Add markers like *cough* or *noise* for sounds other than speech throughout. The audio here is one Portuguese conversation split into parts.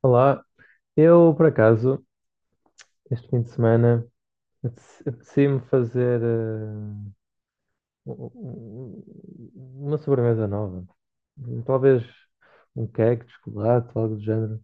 Olá, eu por acaso, este fim de semana, apetecia-me fazer uma sobremesa nova. Talvez um cake de chocolate, algo do género.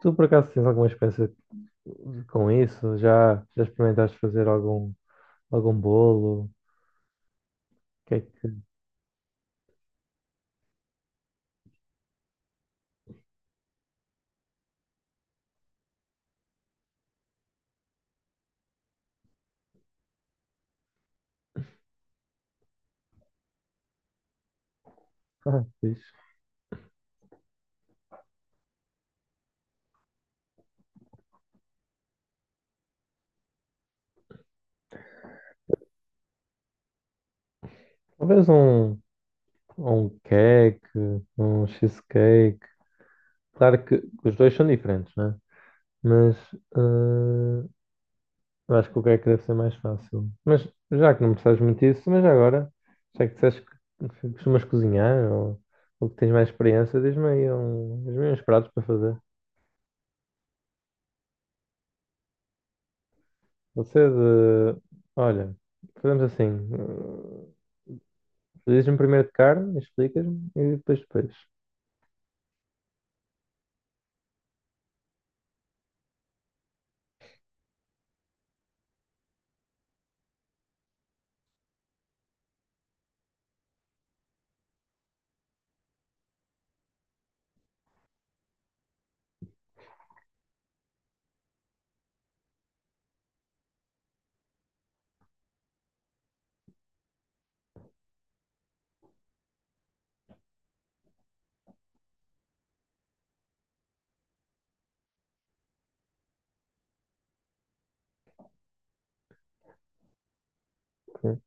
Tu por acaso tens alguma experiência com isso? Já experimentaste fazer algum bolo? O Que é que... *laughs* Ah, fixe. Talvez um cake, um cheesecake. Claro que os dois são diferentes, né? Mas eh, eu acho que o que é que deve ser mais fácil. Mas já que não percebes muito isso, mas já agora, já que disseste que costumas cozinhar ou que tens mais experiência, diz-me aí um, diz uns pratos para fazer. Você de. Olha, fazemos assim. Dizes-me primeiro de carne, explicas-me e depois de peixe. Ok.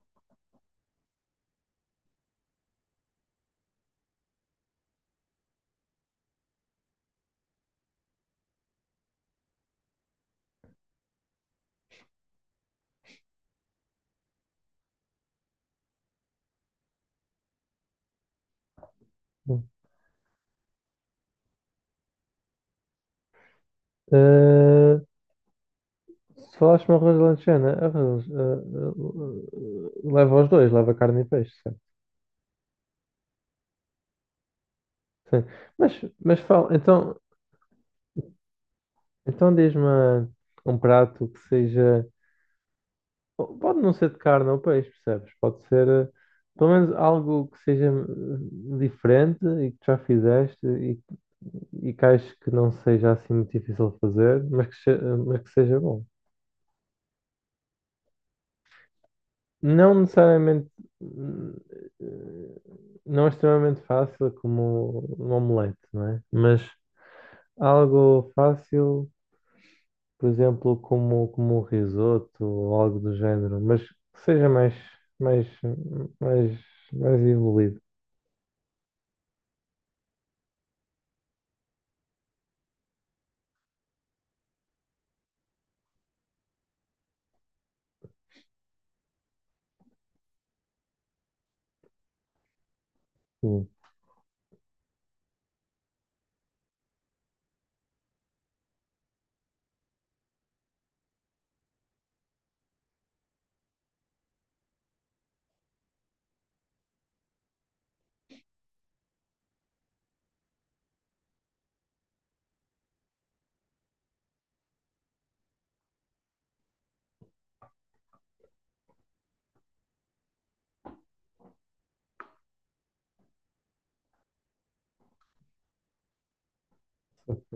Hum. Eh, se falaste-me arroz de lanchana, leva os dois, leva carne e peixe, certo? Sim. Mas, mas fala, então, então diz-me um prato que seja. Pode não ser de carne ou peixe, percebes? Pode ser pelo menos algo que seja diferente e que tu já fizeste e que acho que não seja assim muito difícil de fazer, mas que, se- eh, mas que seja bom. Não necessariamente. hum, Não é extremamente fácil como um omelete, não é? Mas algo fácil. Por exemplo, como um risoto ou algo do género, mas que seja mais, mais, mais evoluído. Sim,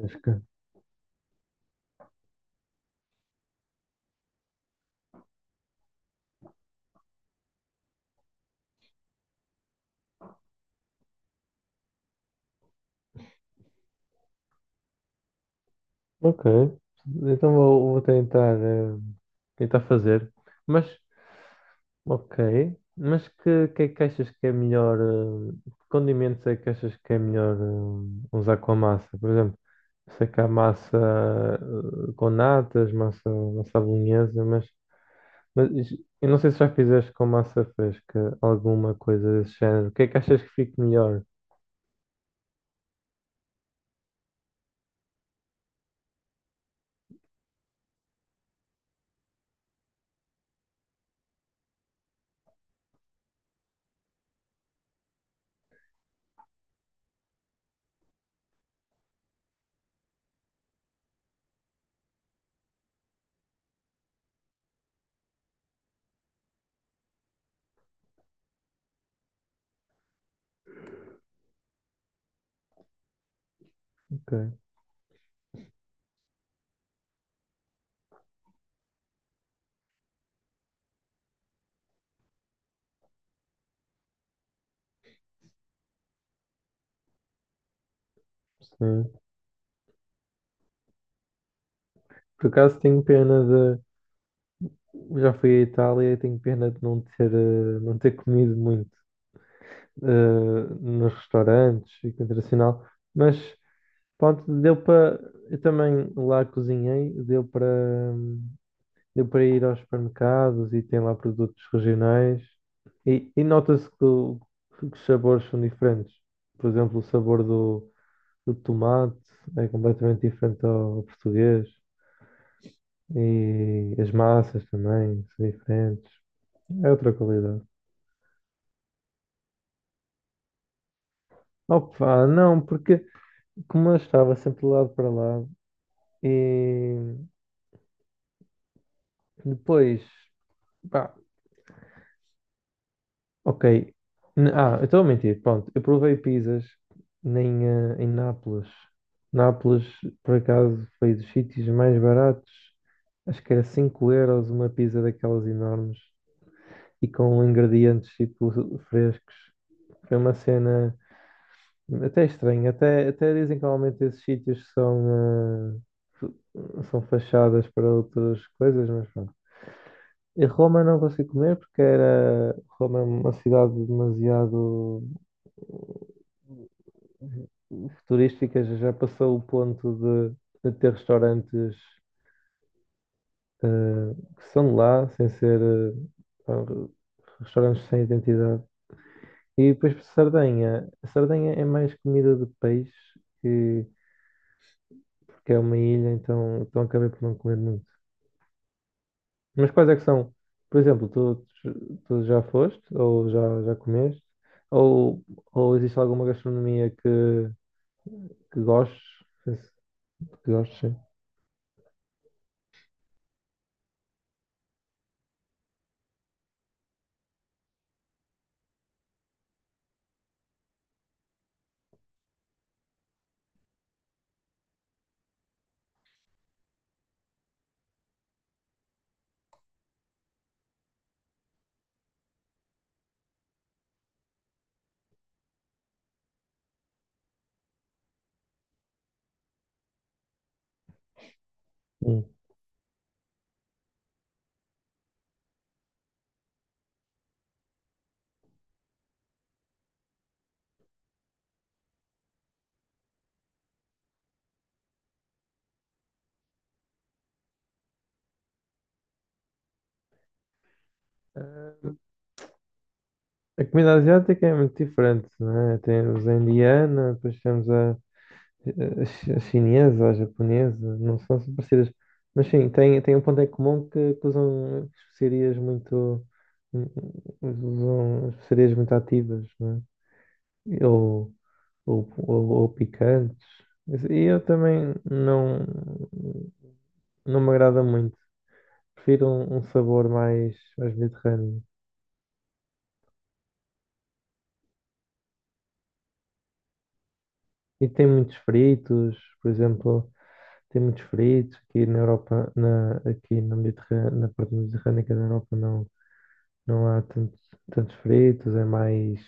acho que- ok, então vou tentar, tentar fazer, mas ok, mas que é que achas que é melhor, que condimentos é que achas que é melhor usar com a massa? Por exemplo, sei que há massa com natas, massa à bolonhesa, mas eu não sei se já fizeste com massa fresca alguma coisa desse género. O que é que achas que fique melhor? Ok, sim. Por acaso tenho pena de. Já fui à Itália e tenho pena de não ter, não ter comido muito eh, nos restaurantes e com internacional. Mas pronto, deu para. Eu também lá cozinhei, deu para. hum, Deu para ir aos supermercados e tem lá produtos regionais. E nota-se que os sabores são diferentes. Por exemplo, o sabor do tomate é completamente diferente ao português. E as massas também são diferentes. É outra qualidade. Opa, não, porque como eu estava sempre de lado para lado e depois, pá, ok. Ah, eu estou a mentir. Pronto, eu provei pizzas em Nápoles. Nápoles, por acaso, foi dos sítios mais baratos. Acho que era 5 euros uma pizza daquelas enormes e com ingredientes tipo frescos. Foi uma cena até estranha. Até dizem que normalmente esses sítios são fachadas para outras coisas, mas pronto. E Roma não consegui comer porque era Roma é uma cidade demasiado futurísticas já passou o ponto de ter restaurantes que são de lá, sem ser ah, re- restaurantes sem identidade. E depois para Sardenha. A Sardenha é mais comida de peixe, que, porque é uma ilha, então acabei por não comer muito. Mas quais é que são? Por exemplo, tu já foste ou já comeste? Ou, ou existe alguma gastronomia que gostes? Que gostes, sim. Hum. A comida asiática é muito diferente, não é? Temos a indiana, depois temos a chinesa, a japonesa, não são assim parecidas. Mas sim, tem um ponto em comum que usam especiarias muito ativas, não é? Ou picantes. E eu também não me agrada muito. Prefiro um sabor mais, mais mediterrâneo. E tem muitos fritos, por exemplo. Tem muitos feridos aqui na Europa, na, aqui na Mediterrânea, na parte mediterrânica da Europa não há tantos, tantos feridos, é mais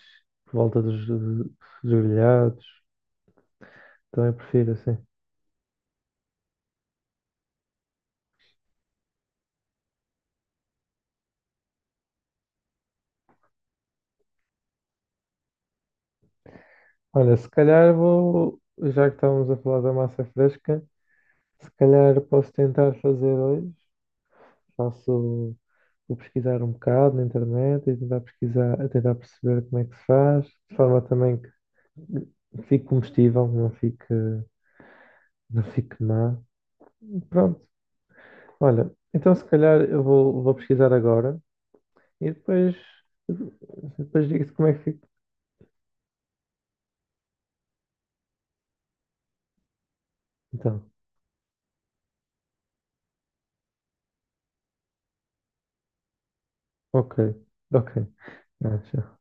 por volta dos grelhados, então eu prefiro assim. Olha, se calhar vou, já que estávamos a falar da massa fresca, se calhar posso tentar fazer hoje, faço, vou pesquisar um bocado na internet e tentar pesquisar, tentar perceber como é que se faz, de forma também que fique comestível, não fique, não fique má. Pronto. Olha, então se calhar eu vou pesquisar agora e depois, depois digo-te como é que fica. Então, ok, ok. Ah, tchau.